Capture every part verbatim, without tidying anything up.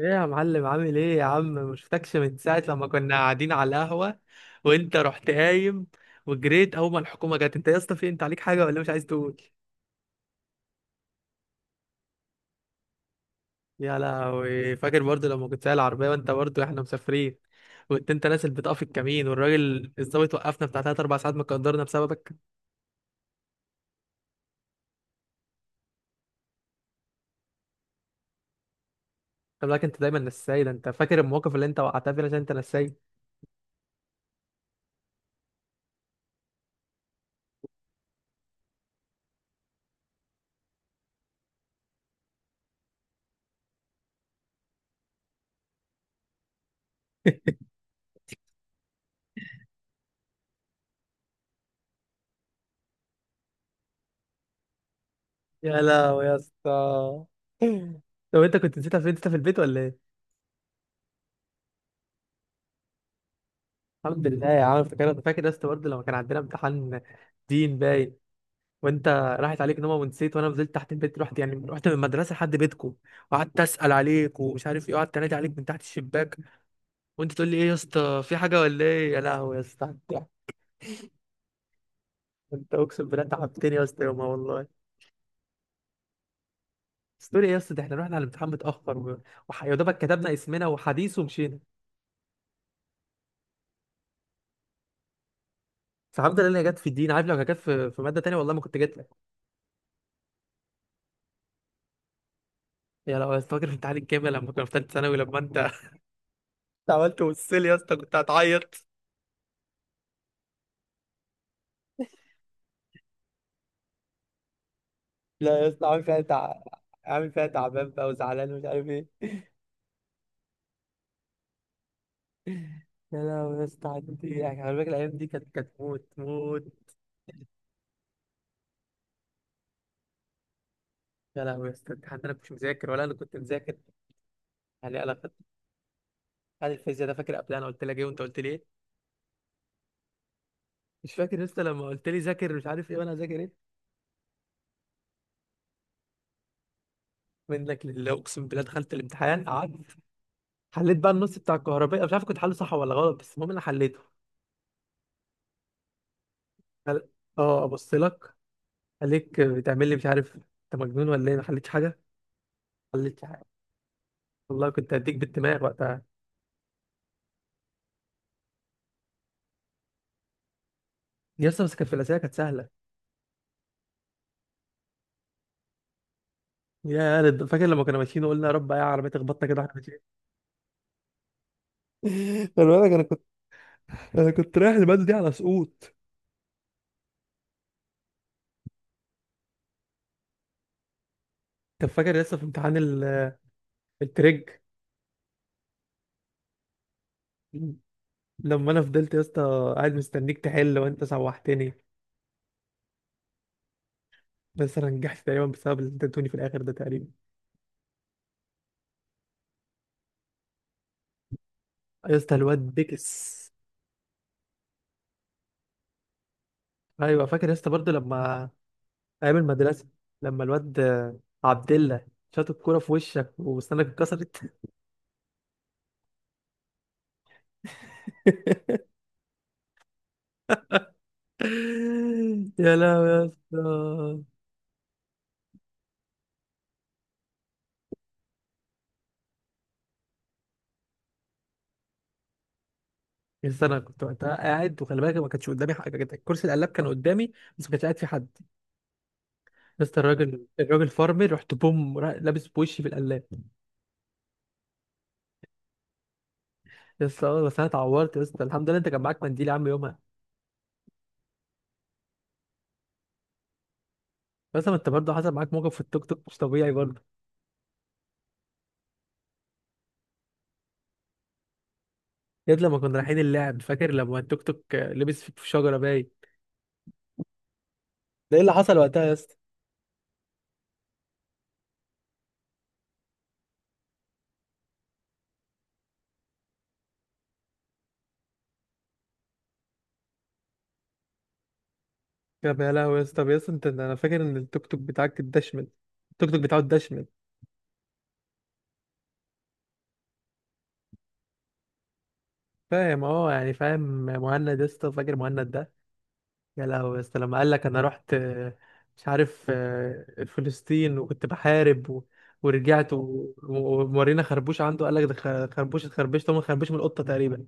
ايه يا معلم، عامل ايه يا عم؟ ما شفتكش من ساعة لما كنا قاعدين على القهوة وانت رحت قايم وجريت اول ما الحكومة جت. انت يا اسطى في انت عليك حاجة ولا مش عايز تقول؟ يا لهوي، فاكر برضو لما كنت سايق العربية وانت برضو احنا مسافرين وانت انت نازل بتقف الكمين والراجل الظابط وقفنا بتاع تلاته اربعه ساعات مقدرنا بسببك. خلي بالك انت دايما نساي، ده انت فاكر المواقف اللي انت وقعتها فينا عشان انت نساي. يا لهوي يا اسطى. طب انت كنت نسيتها فين؟ انت في البيت ولا ايه؟ الحمد لله يا عم. فاكر انت، فاكر يا اسطى برضه لما كان عندنا امتحان دين باين وانت راحت عليك نومه ونسيت، وانا نزلت تحت البيت، رحت يعني رحت من المدرسه لحد بيتكم وقعدت اسال عليك ومش عارف ايه، وقعدت انادي عليك من تحت الشباك وانت تقول لي ايه يا اسطى، في حاجه ولا ايه؟ يا لهوي يا اسطى. انت، انت اقسم بالله تعبتني يا اسطى يومها والله. بس تقول ايه يا اسطى، ده احنا رحنا على الامتحان متاخر و- وح- يا دوبك كتبنا اسمنا وحديث ومشينا. فالحمد لله هي جت في الدين. عارف لو كانت جت في في ماده تانيه والله ما كنت جيت لك. يا لو فاكر في امتحان الكيمياء لما كنا في ثالثه ثانوي لما انت انت عملت وصل يا اسطى كنت هتعيط. لا يا اسطى عامل فيها تع... عامل فيها تعبان بقى وزعلان ومش عارف ايه. يا لهوي يا اسطى، عدت ايه يعني؟ خلي بالك الايام دي كانت كانت موت موت. يا لهوي يا اسطى الامتحان ده، انا كنتش مذاكر ولا انا كنت مذاكر؟ يعني انا خدت امتحان الفيزياء ده. فاكر قبل انا قلت لك ايه وانت قلت لي ايه؟ مش فاكر يا اسطى لما قلت لي ذاكر مش عارف ايه وانا هذاكر ايه؟ منك لله، اقسم بالله دخلت الامتحان، قعدت حليت بقى النص بتاع الكهربائي، مش عارف كنت حله صح ولا غلط بس المهم انا حليته. قال- اه ابص لك عليك، بتعمل لي مش عارف انت مجنون ولا ايه، ما حليتش حاجه، خليتش حاجة. والله كنت هديك بالدماغ وقتها. يا اسطى بس كانت في الاسئله، كانت سهله. يا لد- فاكر لما كنا ماشيين وقلنا يا رب يا عربيه تخبطنا كده واحنا ماشيين. خلي بالك انا كنت انا كنت رايح الماده دي على سقوط. طب فاكر يا اسطى في امتحان ال- التريج لما انا فضلت يا اسطى قاعد مستنيك تحل وانت سوحتني. بس انا نجحت تقريبا بسبب اللي انت ادوني في الاخر ده تقريبا. يا اسطى الواد بيكس. ايوه فاكر يا اسطى برضه لما، ايام المدرسه، لما الواد عبد الله شاط الكوره في وشك وسنانك اتكسرت. يا لهوي يا اسطى. يا اسطى انا كنت وقتها قاعد وخلي بالك ما كانش قدامي حاجه كده، كرسي القلاب كان قدامي بس ما كانش قاعد فيه حد. يا اسطى الراجل الراجل فارمر، رحت بوم را- لابس بوشي في القلاب. يا اسطى آه، بس انا اتعورت يا اسطى، الحمد لله انت كان معاك منديل يا عم يومها. بس ما انت برضه حصل معاك موقف في التوك توك مش طبيعي برضه. يا اسطى لما كنا رايحين اللعب، فاكر لما التوك توك آه، لبس فيك في شجره باين؟ ده ايه اللي حصل وقتها يا اسطى؟ يا لهوي يا اسطى. طب يا اسطى انت، انا فاكر ان التوك توك بتاعك اتدشمل. التوك توك بتاعه اتدشمل، فاهم؟ اه يعني فاهم. مهند يا اسطى، فاكر مهند ده؟ يا لهوي يا اسطى لما قال لك انا رحت آه، مش عارف آه، فلسطين وكنت بحارب و... ورجعت و- ومورينا خربوش عنده قال لك ده خ- خربوش، اتخربشت، هو خربوش من القطه تقريبا.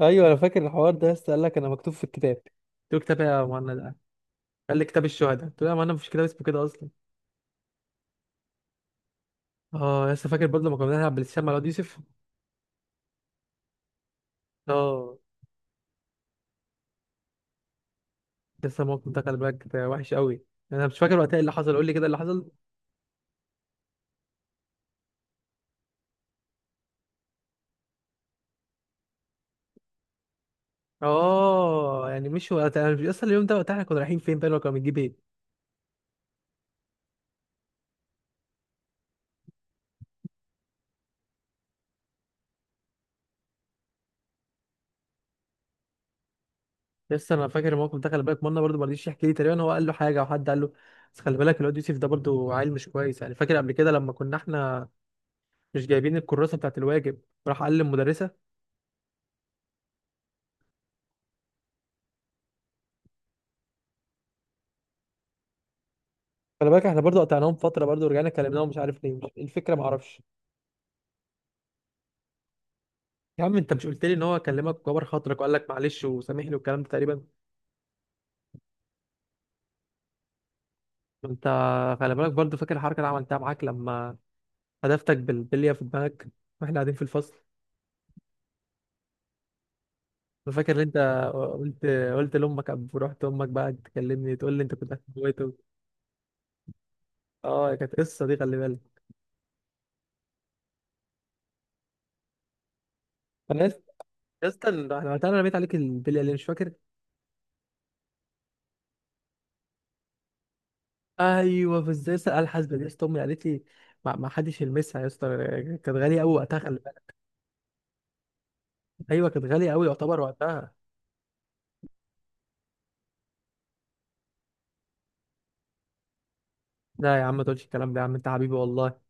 ايوه انا فاكر الحوار ده يا اسطى، قال لك انا مكتوب في الكتاب. قلت له كتاب إيه يا مهند؟ قال لي كتاب الشهداء. قلت له يا مهند مفيش كتاب اسمه كده اصلا. اه يا اسطى فاكر برضه لما كنا بنلعب بلاي ستيشن مع الواد يوسف؟ اه. لسه الموقف ده، خلي بالك ده وحش قوي. انا مش فاكر وقتها إيه اللي حصل، قول لي كده اللي حصل. اه يعني مش وقت، انا مش اصلا اليوم ده وقت احنا كنا رايحين فين بقى، لو كنا بنجيب ايه. لسه انا فاكر الموقف ده. خلي بالك منا برضه ما رضيش يحكي لي تقريبا، هو قال له حاجه او حد قال له. بس خلي بالك الواد يوسف ده برضه عيل مش كويس، يعني فاكر قبل كده لما كنا احنا مش جايبين الكراسه بتاعت الواجب، راح قال للمدرسه. خلي بالك احنا برضه قطعناهم فتره برضه ورجعنا كلمناهم مش عارف ليه، مش إيه الفكره ما اعرفش. يا عم انت مش قلت لي ان هو كلمك وكبر خاطرك وقال لك معلش وسامحني والكلام ده تقريبا؟ انت، خلي بالك برضه فاكر الحركه اللي عملتها معاك لما هدفتك بالبليه في دماغك واحنا قاعدين في الفصل؟ انا فاكر ان انت، قلت، قلت لامك قبل، ورحت امك بقى تكلمني تقول لي انت كنت هتموته. اه كانت قصه دي خلي بالك. انا يس- يا اسطى انا، أنا وقتها انا رميت عليك البلي اللي مش فاكر. ايوه في ازاي اسال الحاسبه دي يا اسطى، امي قالت لي ما, ما حدش يلمسها يا اسطى، كانت غاليه قوي وقتها خلي بالك. ايوه كانت غاليه قوي يعتبر وقتها. لا يا عم ما تقولش الكلام ده، يا عم انت حبيبي والله.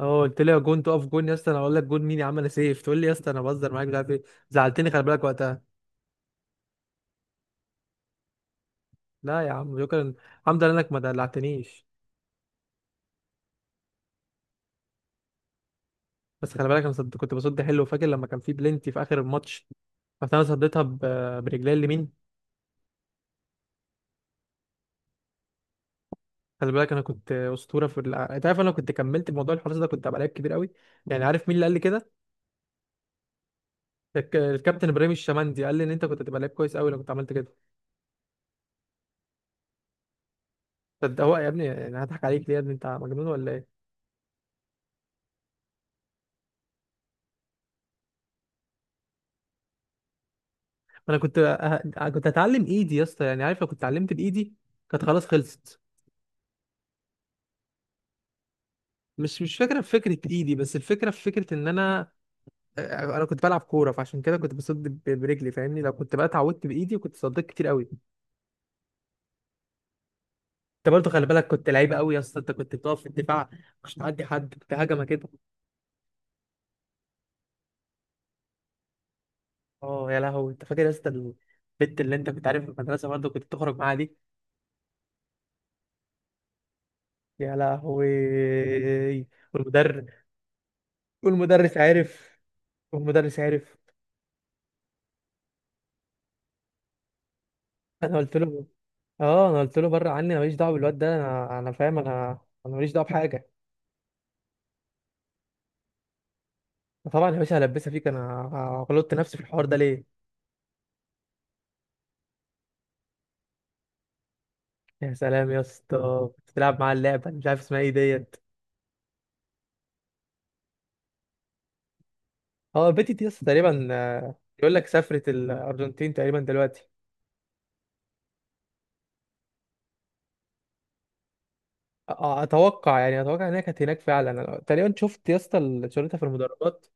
اه قلت لي يا جون تقف جون. يا اسطى انا اقول لك جون مين يا عم، انا سيف، تقول لي يا اسطى انا بهزر معاك مش عارف ايه. زعلتني خلي بالك وقتها. لا يا عم شكرا، الحمد لله انك ما دلعتنيش. بس خلي بالك انا صد... كنت بصد حلو. فاكر لما كان في بلنتي في اخر الماتش، بس انا صديتها ب... برجلي اليمين. خلي بالك انا كنت اسطوره في ال... انت عارف انا لو كنت كملت موضوع الحراس ده كنت هبقى لعيب كبير قوي. يعني عارف مين اللي قال لي كده؟ الك... الكابتن ابراهيم الشمندي قال لي ان انت كنت هتبقى لعيب كويس قوي لو كنت عملت كده. صد هو يا ابني يعني هضحك عليك ليه يا ابني، انت مجنون ولا ايه؟ انا كنت أه... كنت هتعلم ايدي يا اسطى، يعني عارف لو كنت اتعلمت بايدي كانت خلاص خلصت. مش مش فكره في فكره ايدي، بس الفكره في فكره ان انا، انا كنت بلعب كوره فعشان كده كنت بصد ب- برجلي، فاهمني؟ لو كنت بقى اتعودت بايدي كنت صديت كتير قوي. انت برضه خلي بالك كنت لعيب قوي يا اسطى، انت كنت بتقف في الدفاع مش تعدي حد، كنت هجمه كده. اه يا لهوي انت فاكر يا اسطى البت اللي انت كنت عارف في المدرسه برضه كنت تخرج معاها دي؟ يا لهوي. والمدرب، والمدرس عارف، والمدرس عارف. انا قلت له، اه انا قلت له بره عني، انا ماليش دعوه بالواد ده، انا، انا فاهم، انا، انا ماليش دعوه بحاجه. طبعا يا باشا هلبسها فيك، انا غلطت نفسي في الحوار ده ليه؟ يا سلام يا اسطى كنت بتلعب مع اللعبه مش عارف اسمها ايه ديت. اه بيتي دي يا اسطى تقريبا، آه، بيقول لك سافرت الارجنتين تقريبا دلوقتي. آه، اتوقع يعني اتوقع انها كانت هناك فعلا، أنا تقريبا شفت يا اسطى ال- صورتها في المدرجات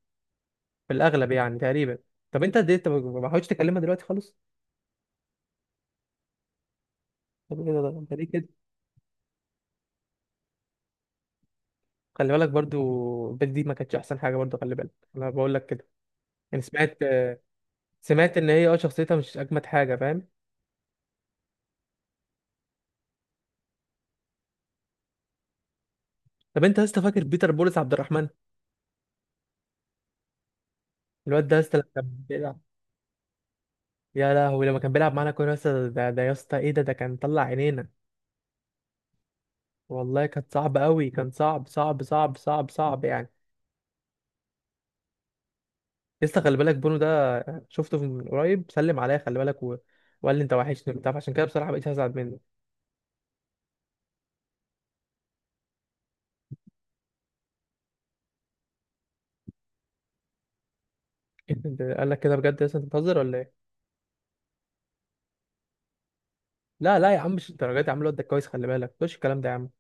في الاغلب يعني تقريبا. طب انت دي- انت ما ما حاولتش تكلمها دلوقتي خالص؟ طب ايه ده، انت ليه كده؟ خلي بالك برضو بيتي دي ما كانتش احسن حاجه برضو، خلي بالك انا بقول لك كده، يعني سمعت، سمعت ان هي اه شخصيتها مش اجمد حاجه، فاهم؟ طب انت يا اسطى فاكر بيتر بولس عبد الرحمن؟ الواد ده يا اسطى لما كان بيلعب، يا لهوي لما كان بيلعب معانا كوره يا اسطى، ده ده يا اسطى ايه ده، ده كان طلع عينينا والله، كانت صعبه قوي، كان صعب صعب صعب صعب صعب يعني. يا اسطى خلي بالك بونو ده شفته من قريب، سلم عليا خلي بالك و... وقال لي انت وحشني وبتاع، فعشان كده بصراحه بقيت هزعل منه. انت قال لك كده بجد يا اسطى، انت بتهزر ولا ايه؟ لا لا يا عم مش الدرجات، يا عم الواد ده كويس خلي بالك، مش الكلام ده يا عم.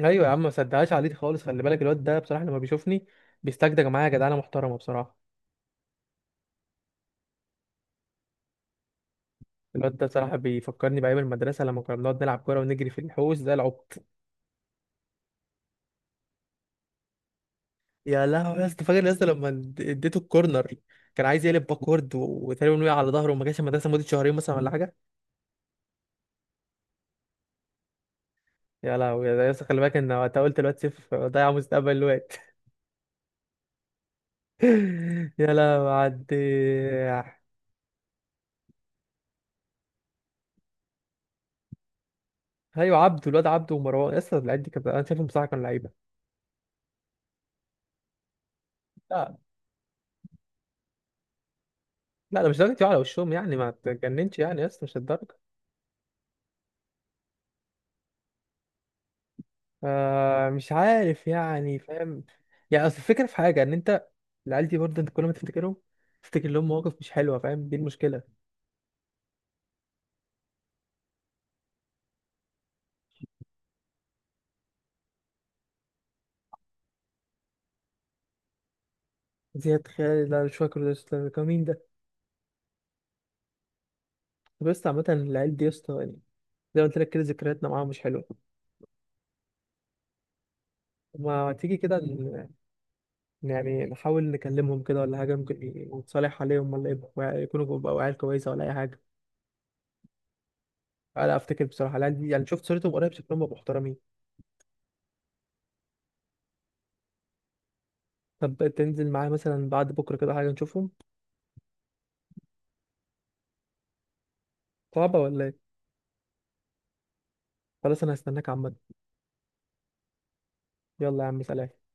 ايوه يا عم ما صدقهاش عليه خالص، خلي بالك الواد ده بصراحه لما بيشوفني بيستجدج معايا جدعانه محترمه بصراحه. الواد ده بصراحه بيفكرني بايام المدرسه لما كنا بنقعد نلعب كوره ونجري في الحوش زي العبط. يا لهوي يا اسطى فاكر يا اسطى لما اد- اديته الكورنر؟ كان عايز يقلب باكورد و- وتقريبا وقع على ظهره وما جاش المدرسه مده شهرين مثلا ولا حاجه. يا لهوي يا اسطى خلي بالك ان وقتها قلت الواد سيف ضيع مستقبل الواد. يا لهوي، عدي. ايوه عبده، الواد عبده ومروان يا اسطى، العيال دي كانت، انا شايفهم بصراحه كانوا لعيبه. لا لا ده مش درجه يقع على وشهم يعني، ما تجننش يعني يا اسطى، مش الدرجه. آه مش عارف يعني، فاهم؟ يعني اصل الفكره في حاجه ان انت، العيال دي برضه انت كل ما تفتكرهم تفتكر لهم مواقف مش حلوه، فاهم؟ دي المشكله. زياد خالد، لا مش فاكر ده أصلاً. كان مين ده؟ طب يا اسطى عامة العيال دي يا اسطى يعني، زي ما قلت لك كده ذكرياتنا معاهم مش حلوة. ما تيجي كده ن- يعني نحاول نكلمهم كده ولا حاجة، ممكن نتصالح عليهم، ولا يبقوا يكونوا بقوا عيال كويسة ولا أي حاجة. أنا أفتكر بصراحة العيال دي، يعني شفت صورتهم قريب، شكلهم بقوا محترمين. طب تنزل معايا مثلا بعد بكرة كده حاجة نشوفهم؟ صعبة ولا إيه؟ خلاص أنا هستناك عامة. يلا يا عم، سلام.